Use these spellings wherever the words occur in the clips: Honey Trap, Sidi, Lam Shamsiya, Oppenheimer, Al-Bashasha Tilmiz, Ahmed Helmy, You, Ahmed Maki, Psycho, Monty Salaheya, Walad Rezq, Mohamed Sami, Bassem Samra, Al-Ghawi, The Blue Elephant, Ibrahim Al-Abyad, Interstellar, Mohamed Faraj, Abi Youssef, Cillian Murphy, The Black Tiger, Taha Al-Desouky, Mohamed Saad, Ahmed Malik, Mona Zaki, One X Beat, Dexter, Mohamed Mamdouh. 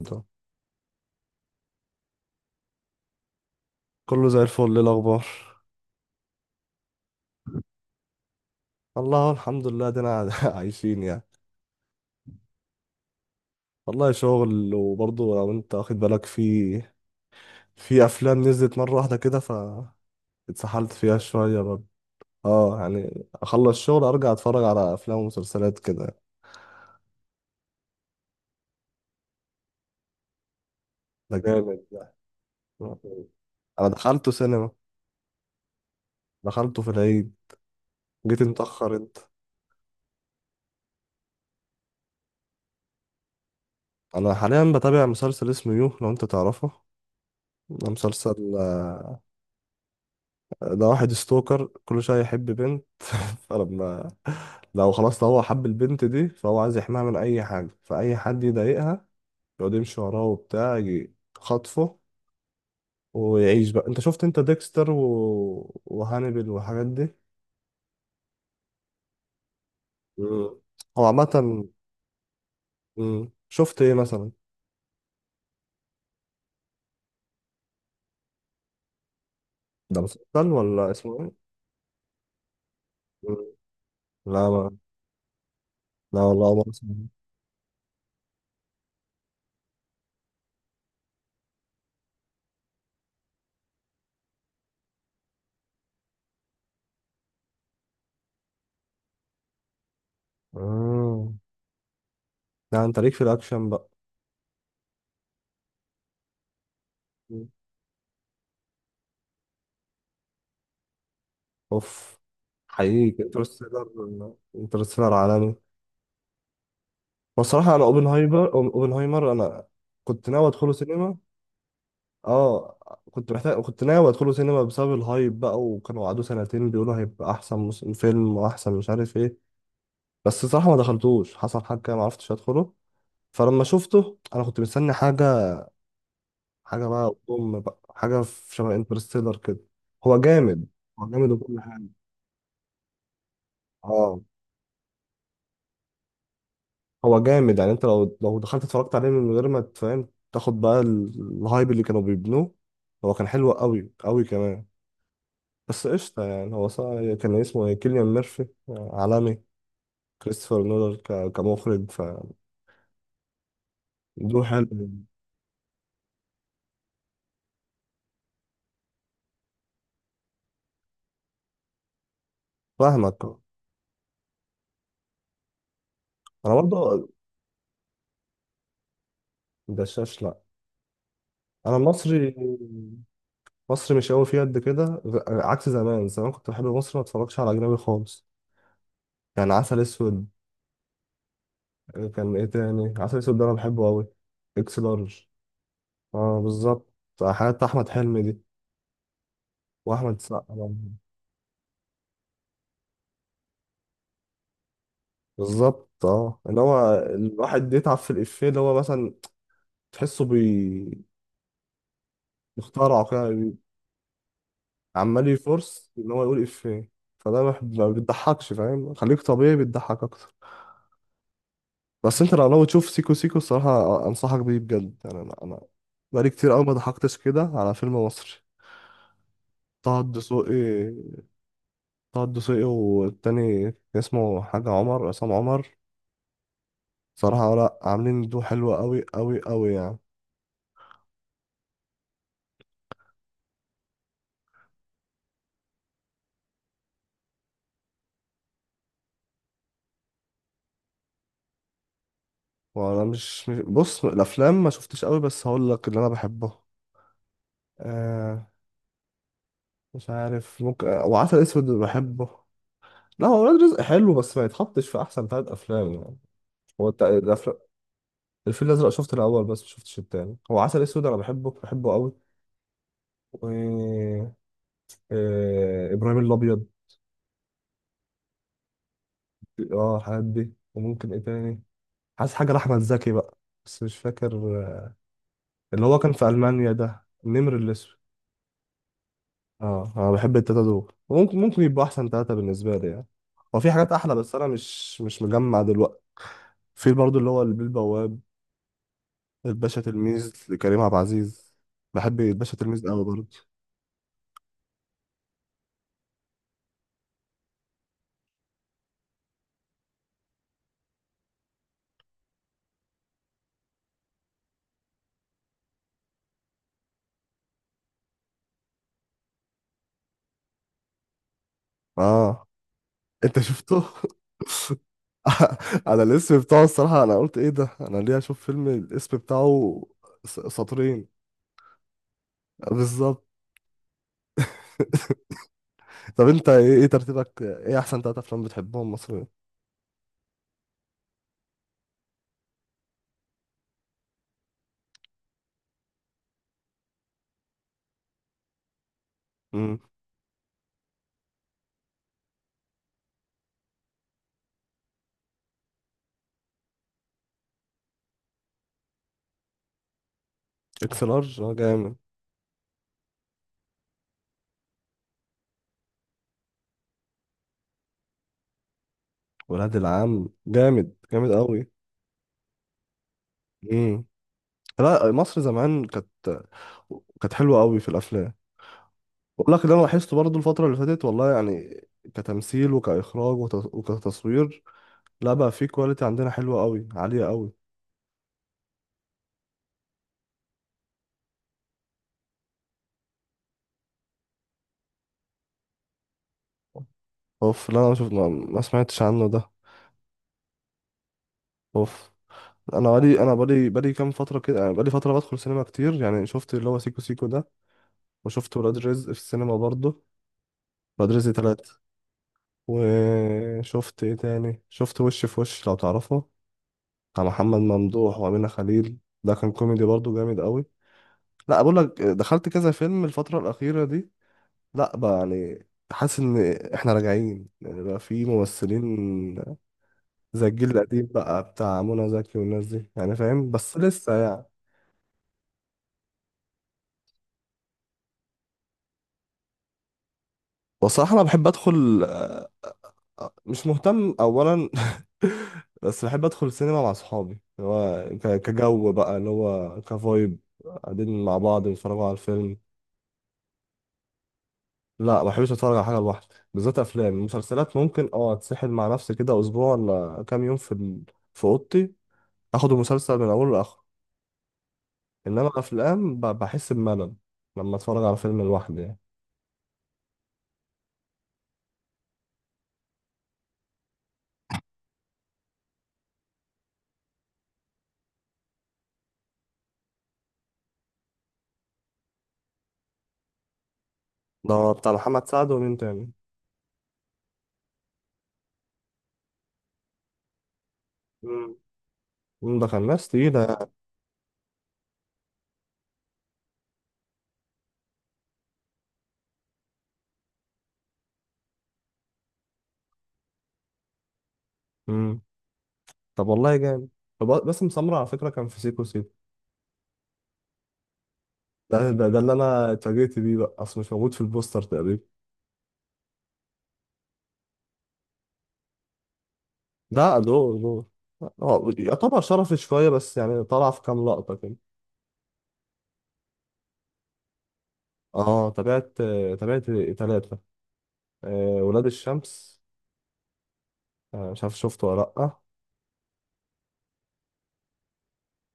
ده. كله زي الفل. إيه الاخبار؟ الله الحمد لله دينا عايشين يعني. والله شغل، وبرضه لو انت واخد بالك في في افلام نزلت مره واحده كده، ف اتسحلت فيها شويه برضه. اه يعني اخلص شغل ارجع اتفرج على افلام ومسلسلات كده. ده جامد ده. انا دخلته سينما. دخلته في العيد. جيت متاخر انت. انا حاليا بتابع مسلسل اسمه يو، لو انت تعرفه. ده مسلسل ده واحد ستوكر، كل شوية يحب بنت. فلما لو هو حب البنت دي، فهو عايز يحميها من أي حاجة، فأي حد يضايقها يقعد يمشي وراه وبتاع، يجي خطفه ويعيش بقى. انت شفت انت ديكستر و... وهانيبال والحاجات دي؟ مم. هو عامة مم. شفت ايه مثلا؟ ده مسلسل مسلسل ولا اسمه ايه؟ مم. لا ما. لا والله ما اسمه. مم. لا، انت ليك في الأكشن بقى. اوف. حقيقي انترستيلر. انترستيلر عالمي. والصراحة انا اوبنهايمر، اوبنهايمر انا كنت ناوي ادخله سينما. اه كنت محتاج، كنت ناوي ادخله سينما بسبب الهايب بقى، وكانوا قعدوا سنتين بيقولوا هيبقى احسن فيلم واحسن مش عارف ايه. بس الصراحة ما دخلتوش، حصل حاجة كده ما عرفتش ادخله. فلما شفته انا كنت مستني حاجة، حاجة بقى بقى حاجة في شبه انترستيلر كده. هو جامد. هو جامد وكل حاجة، اه. هو جامد يعني انت لو دخلت اتفرجت عليه من غير ما تفهم تاخد بقى الهايب اللي كانوا بيبنوه. هو كان حلو قوي قوي كمان. بس قشطة يعني. هو صار كان اسمه ايه؟ كيليان ميرفي عالمي. كريستوفر نولان كمخرج. فدو حلو. فاهمك. انا برضه. دشاش لا. انا مصري. مصري مش قوي فيه قد كده، عكس زمان. زمان كنت بحب مصر، ما اتفرجش على اجنبي خالص. يعني عسل اسود. كان ايه تاني؟ عسل اسود ده انا بحبه قوي. اكس لارج. اه بالظبط. حياة احمد حلمي دي. واحمد سقا برضه. بالظبط، اه، اللي هو الواحد بيتعب في الافيه، اللي هو مثلا تحسه بيخترعه كده عمال يفرص ان هو يقول افيه، فده ما بتضحكش، فاهم؟ خليك طبيعي بتضحك اكتر. بس انت لو لو تشوف سيكو سيكو، الصراحة انصحك بيه بجد يعني. انا بقالي كتير قوي ما ضحكتش كده على فيلم مصري. طه الدسوقي. طه الدسوقي والتاني اسمه حاجة عمر، عصام عمر. صراحة ولا، عاملين دو حلوة قوي قوي قوي يعني. وانا بص، الافلام ما شفتش قوي، بس هقول لك اللي انا بحبه. آه مش عارف، ممكن وعسل اسود اللي بحبه. لا، هو ولاد رزق حلو بس ما يتحطش في احسن ثلاث افلام يعني. هو الفيل الازرق شفت الاول بس ما شفتش التاني. هو عسل اسود انا بحبه، بحبه قوي. و ابراهيم الابيض. اه الحاجات دي. وممكن ايه تاني؟ حاسس حاجة لاحمد زكي بقى بس مش فاكر. آه، اللي هو كان في المانيا، ده النمر الاسود. اه انا بحب التلاتة دول. ممكن ممكن يبقوا احسن تلاتة بالنسبة لي يعني. هو في حاجات احلى بس انا مش مجمع دلوقتي. في برضو اللي هو البيه البواب. الباشا تلميذ لكريم عبد العزيز. بحب الباشا تلميذ قوي برضو. اه، انت شفته؟ انا الاسم بتاعه، الصراحة انا قلت ايه ده، انا ليه اشوف فيلم الاسم بتاعه سطرين؟ بالظبط. طب إيه ترتيبك، ايه احسن تلاتة افلام بتحبهم مصريين؟ امم. اكس لارج اه جامد. ولاد العم جامد، جامد قوي. لا مصر زمان كانت، كانت حلوة قوي في الأفلام. بقول لك اللي أنا لاحظته برضو الفترة اللي فاتت، والله يعني كتمثيل وكإخراج وت- وكتصوير، لا بقى، في كواليتي عندنا حلوة قوي، عالية قوي. اوف، لا أنا شوف ما سمعتش عنه ده. اوف. أنا بقالي، بقالي كام فترة كده يعني. بقالي فترة بدخل سينما كتير يعني. شفت اللي هو سيكو سيكو ده، وشفت ولاد رزق في السينما برضو. ولاد رزق تلاتة. وشفت ايه تاني؟ شفت وش في وش، لو تعرفه، بتاع محمد ممدوح وأمينة خليل. ده كان كوميدي برضو جامد قوي. لا بقول لك دخلت كذا فيلم الفترة الأخيرة دي. لا بقى يعني، حاسس إن إحنا راجعين يعني. بقى في ممثلين زي الجيل القديم بقى، بتاع منى زكي والناس دي يعني، فاهم، بس لسه يعني. بصراحة أنا بحب أدخل، مش مهتم أولا. بس بحب أدخل سينما مع صحابي، اللي هو كجو بقى، اللي هو كفايب، قاعدين مع بعض بنتفرجوا على الفيلم. لا ما بحبش اتفرج على حاجه لوحدي. بالذات افلام. المسلسلات ممكن اه، اتسحل مع نفسي كده اسبوع ولا كام يوم في اوضتي، اخد المسلسل من اوله لاخره. انما افلام بحس بملل لما اتفرج على فيلم لوحدي يعني. ده بتاع محمد سعد ومين تاني؟ مم. مم، ده كان ناس تقيله يعني. مم. طب والله جامد. طب باسم سمرة على فكره كان في سيكو سيكو. ده اللي انا اتفاجئت بيه بقى، اصل مش موجود في البوستر تقريبا. ده دور، دور هو يعتبر شرفي شويه، بس يعني طلع في كام لقطه كده. اه، تابعت، تابعت ثلاثة. ولاد الشمس، مش عارف شفته ولا لأ.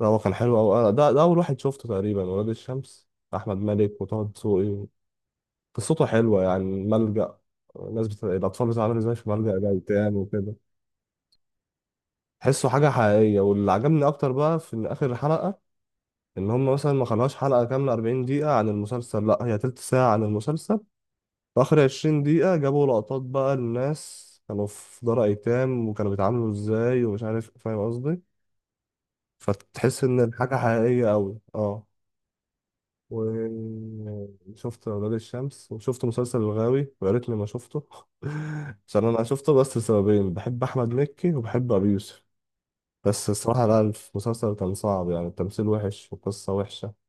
ده هو كان حلو أوي، ده أول واحد شفته تقريبا، ولاد الشمس. أحمد مالك وطه دسوقي. قصته حلوة يعني، ملجأ، الناس الأطفال بتتعامل إزاي في ملجأ ده وبتاع وكده. تحسه حاجة حقيقية. واللي عجبني أكتر بقى في إن آخر حلقة، إن هم مثلا ما خلوهاش حلقة كاملة 40 دقيقة عن المسلسل، لأ، هي تلت ساعة عن المسلسل. في آخر 20 دقيقة جابوا لقطات بقى الناس كانوا في دار أيتام وكانوا بيتعاملوا إزاي، ومش عارف، فاهم قصدي؟ فتحس إن الحاجة حقيقية أوي، أه. وشفت أولاد الشمس، وشفت مسلسل الغاوي ويا ريتني ما شفته. عشان أنا شفته بس لسببين، بحب أحمد مكي وبحب أبي يوسف. بس الصراحة لا، المسلسل كان صعب يعني، التمثيل وحش والقصة وحشة.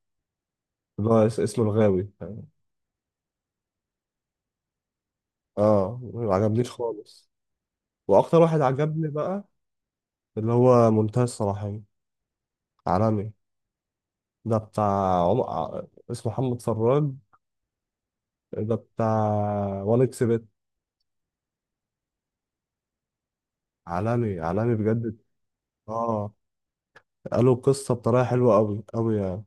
اللي هو اسمه الغاوي. اه ما عجبنيش خالص. وأكتر واحد عجبني بقى اللي هو منتهى الصلاحية. عالمي. ده بتاع عم... ع- اسمه محمد فراج. ده بتاع وان اكس بت. عالمي، عالمي بجد. اه قالوا القصة بطريقة حلوة أوي أوي يعني.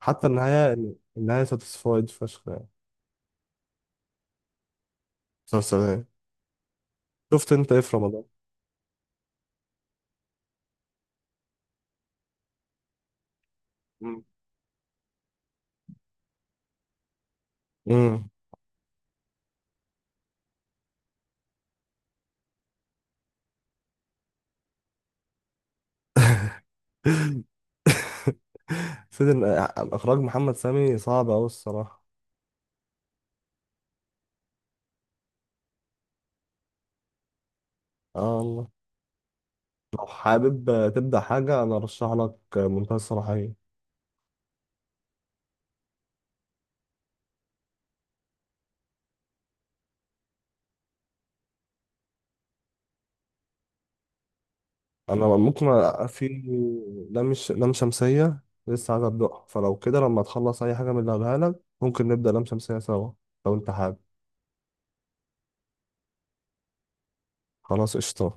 حتى النهاية، النهاية ساتيسفايد فشخ يعني. مسلسل إيه؟ شفت أنت إيه في رمضان؟ مم. مم. سيدي. إخراج محمد سامي صعب أوي الصراحة. آه والله. لو حابب تبدأ حاجة أنا أرشح لك منتهى الصلاحية. انا ممكن في لام لام شمسيه لسه عايز ابدأها، فلو كده لما تخلص اي حاجه من اللي هقولها لك ممكن نبدا لام شمسيه سوا لو انت حابب. خلاص قشطه.